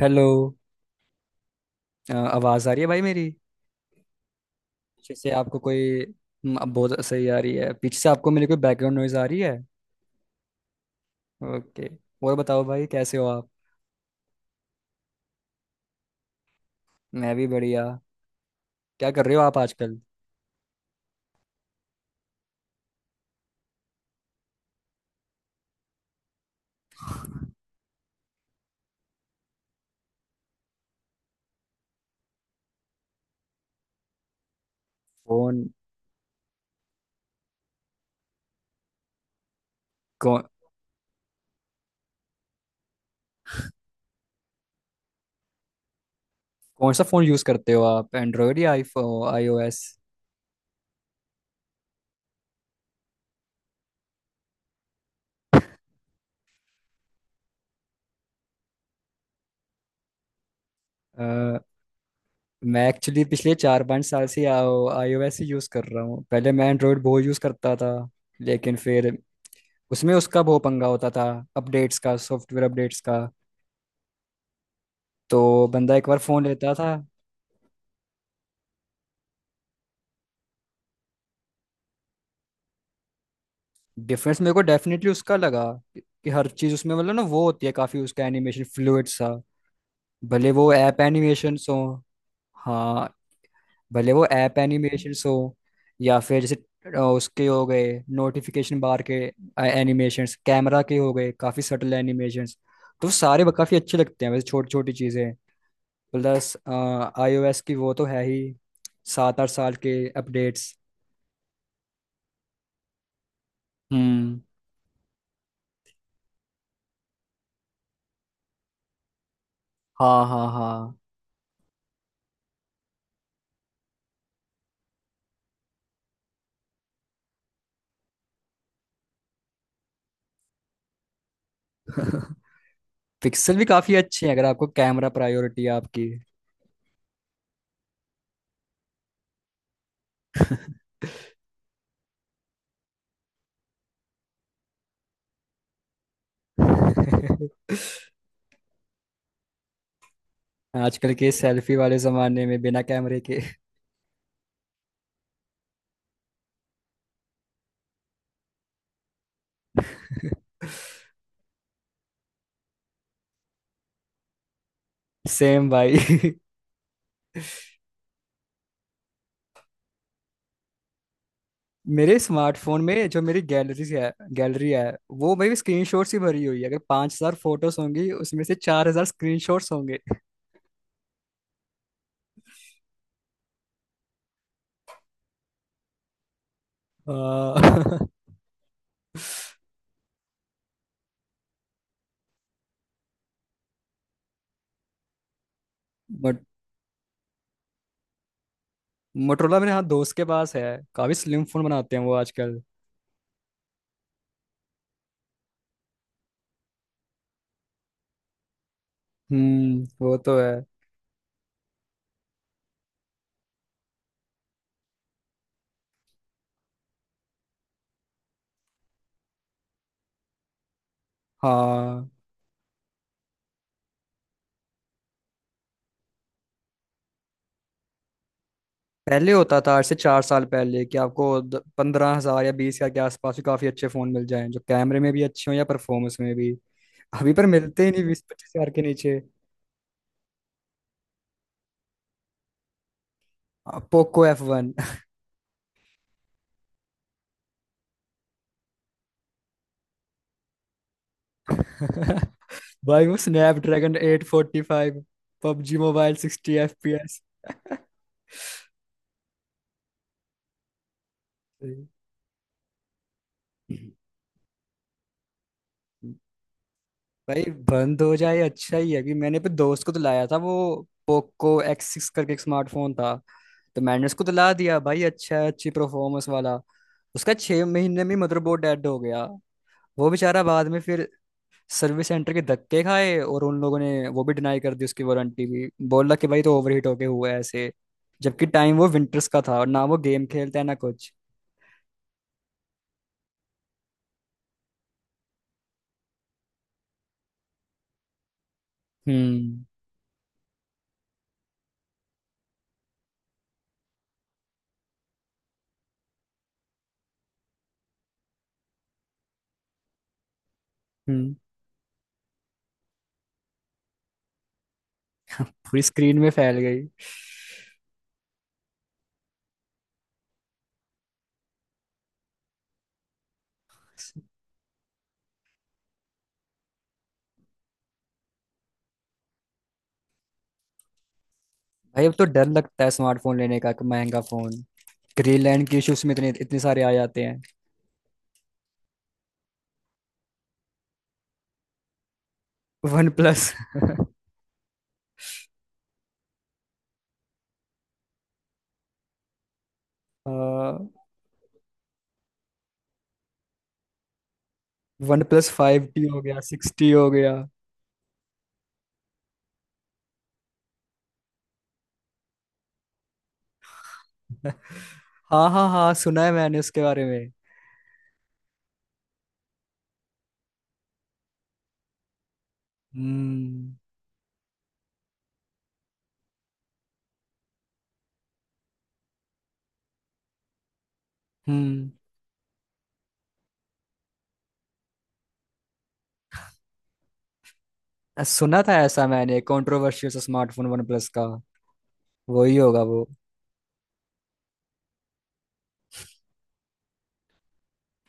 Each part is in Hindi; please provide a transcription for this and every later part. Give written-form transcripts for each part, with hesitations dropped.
हेलो। आवाज़ आ रही है भाई मेरी? पीछे से आपको कोई... अब बहुत सही आ रही है। पीछे से आपको मेरी कोई बैकग्राउंड नॉइज आ रही है? ओके। और बताओ भाई, कैसे हो आप? मैं भी बढ़िया। क्या कर रहे हो आप आजकल? फोन? कौन कौन सा फ़ोन यूज़ करते हो आप, एंड्रॉयड या आईफोन आईओएस? अ, मैं एक्चुअली पिछले चार पाँच साल से iOS ही यूज़ कर रहा हूँ। पहले मैं एंड्रॉयड बहुत यूज़ करता था। लेकिन फिर उसमें उसका बहुत पंगा होता था, अपडेट्स का, सॉफ्टवेयर अपडेट्स का। तो बंदा एक बार फ़ोन लेता था। डिफरेंस मेरे को डेफिनेटली उसका लगा कि हर चीज उसमें, मतलब ना वो होती है काफी, उसका एनिमेशन फ्लूइड सा। भले वो ऐप एनिमेशन हो। हाँ। भले वो ऐप एनिमेशन हो, या फिर जैसे उसके हो गए नोटिफिकेशन बार के एनिमेशंस, कैमरा के हो गए, काफी सटल एनिमेशंस। तो सारे काफी अच्छे लगते हैं वैसे, छोटी छोटी चीजें। प्लस iOS की वो तो है ही, सात आठ साल के अपडेट्स। हम्म। हाँ हाँ हाँ। पिक्सल भी काफी अच्छे हैं अगर आपको कैमरा प्रायोरिटी है आपकी। आजकल के सेल्फी वाले जमाने में बिना कैमरे के! सेम भाई। मेरे स्मार्टफोन में जो मेरी गैलरी है, गैलरी है, वो भाई स्क्रीनशॉट ही भरी हुई है। अगर 5,000 फोटोज होंगी उसमें से 4,000 स्क्रीनशॉट्स होंगे। आ, मट, मोटरोला मेरे, हाँ, दोस्त के पास है। काफी स्लिम फोन बनाते हैं वो आजकल। हम्म, वो तो है। हाँ, पहले होता था, आज से चार साल पहले, कि आपको 15,000 या 20,000 के आसपास भी काफी अच्छे फोन मिल जाएं जो कैमरे में भी अच्छे हों या परफॉर्मेंस में भी। अभी पर मिलते ही नहीं 20-25 हजार के नीचे। Poco F1! भाई वो स्नैपड्रैगन 845, पबजी मोबाइल 60 FPS! भाई बंद हो जाए अच्छा ही है। अभी मैंने पे दोस्त को तो लाया था वो, पोको X6 करके एक स्मार्टफोन था। तो मैंने उसको तो ला दिया, भाई अच्छा है, अच्छी परफॉर्मेंस वाला। उसका 6 महीने में मदरबोर्ड डेड हो गया। वो बेचारा बाद में फिर सर्विस सेंटर के धक्के खाए, और उन लोगों ने वो भी डिनाई कर दी, उसकी वारंटी भी, बोला कि भाई तो ओवरहीट होके हुआ है ऐसे। जबकि टाइम वो विंटर्स का था, और ना वो गेम खेलता है ना कुछ। हम्म। हम्म। पूरी स्क्रीन में फैल गई? भाई अब तो डर लगता है स्मार्टफोन लेने का, कि महंगा फोन ग्रीनलैंड के इश्यूज में इतने इतने सारे आ जाते हैं। One plus. OnePlus 5T हो गया, 6T हो गया। हाँ हाँ हाँ, सुना है मैंने उसके बारे में। हम्म। हम्म, सुना था ऐसा मैंने, कंट्रोवर्शियल सा स्मार्टफोन वन प्लस का। वही होगा वो।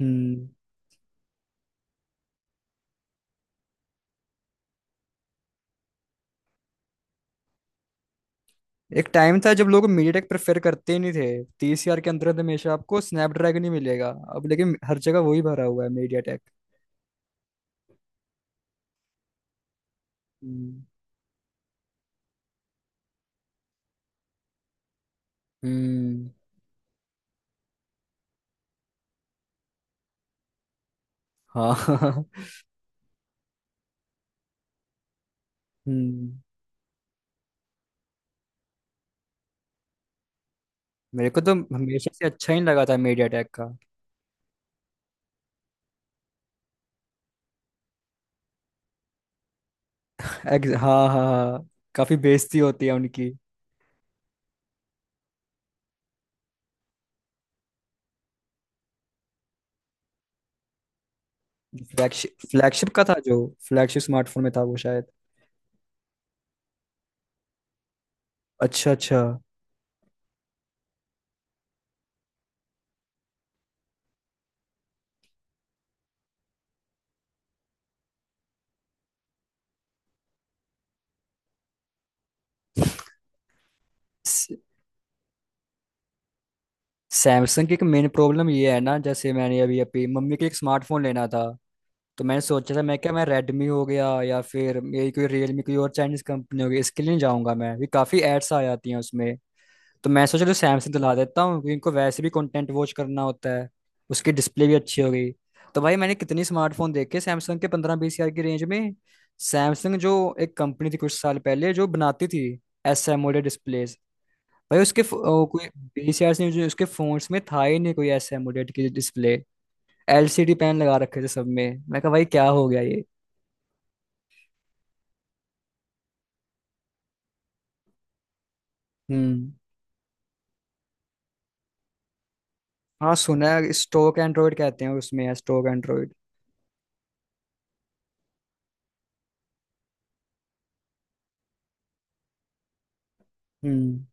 हम्म। एक टाइम था जब लोग मीडियाटेक प्रेफर करते ही नहीं थे, 30,000 के अंदर हमेशा आपको स्नैपड्रैगन ही मिलेगा। अब लेकिन हर जगह वही भरा हुआ है, मीडियाटेक। हम्म। हाँ। हम्म। मेरे को तो हमेशा से अच्छा ही लगा था मीडिया टेक का। हाँ हाँ हाँ। काफी बेइज्जती होती है उनकी। फ्लैगशिप, फ्लैगशिप का था जो, फ्लैगशिप स्मार्टफोन में था वो शायद। अच्छा अच्छा। सैमसंग की एक मेन प्रॉब्लम ये है ना, जैसे मैंने अभी अभी मम्मी के एक स्मार्टफोन लेना था। तो मैंने सोचा था मैं क्या, मैं रेडमी हो गया या फिर यही कोई रियलमी, कोई और चाइनीज कंपनी हो गई, इसके लिए नहीं जाऊंगा। मैं भी काफी एड्स आ जाती हैं उसमें। तो मैं सोच रहा सैमसंग दिला देता हूँ, क्योंकि इनको वैसे भी कंटेंट वॉच करना होता है। उसकी डिस्प्ले भी अच्छी हो गई। तो भाई मैंने कितनी स्मार्टफोन देखे सैमसंग के, 15-20 हजार की रेंज में। सैमसंग जो एक कंपनी थी कुछ साल पहले, जो बनाती थी S AMOLED डिस्प्लेज, भाई उसके कोई 20,000 से जो उसके फोन्स में था ही नहीं कोई S AMOLED की डिस्प्ले। LCD पैन लगा रखे थे सब में, मैं कहा भाई क्या हो गया ये! हम्म। हाँ, सुना है स्टोक एंड्रॉइड कहते हैं उसमें, है स्टोक एंड्रॉइड। हम्म।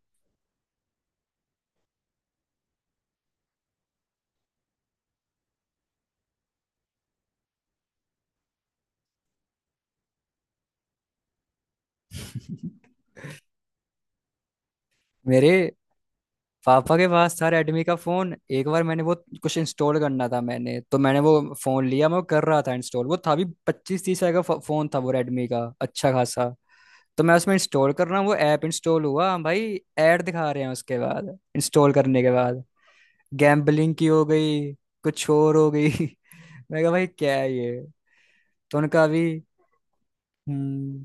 मेरे पापा के पास था रेडमी का फोन। एक बार मैंने वो कुछ इंस्टॉल करना था, मैंने तो मैंने वो फोन लिया, मैं वो कर रहा था इंस्टॉल। वो था भी 25-30 हजार का फोन था वो, रेडमी का अच्छा खासा। तो मैं उसमें इंस्टॉल कर रहा हूँ वो ऐप, इंस्टॉल हुआ, हाँ भाई ऐड दिखा रहे हैं उसके बाद, इंस्टॉल करने के बाद। गैम्बलिंग की हो गई, कुछ और हो गई। मैं कहा भाई क्या है ये! तो उनका अभी... हम्म।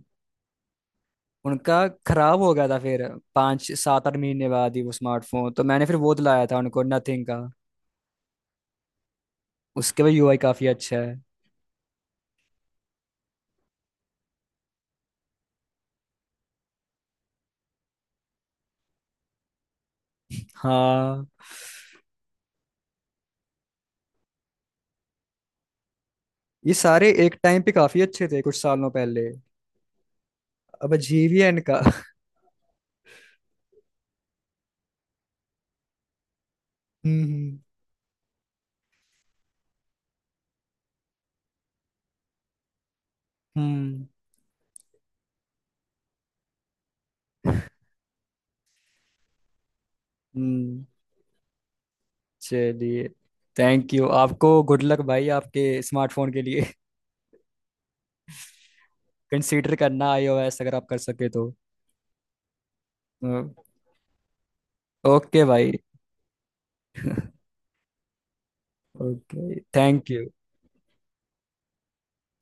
उनका खराब हो गया था फिर, पाँच सात आठ महीने बाद ही वो स्मार्टफोन। तो मैंने फिर वो दिलाया था उनको, नथिंग का। उसके भी UI काफी अच्छा है। हाँ, ये सारे एक टाइम पे काफी अच्छे थे कुछ सालों पहले। अब GVN का। हम्म। हम्म। हम्म, चलिए। थैंक यू, आपको गुड लक भाई आपके स्मार्टफोन के लिए। कंसीडर करना iOS, अगर आप कर सके तो। ओके भाई। Okay, thank you.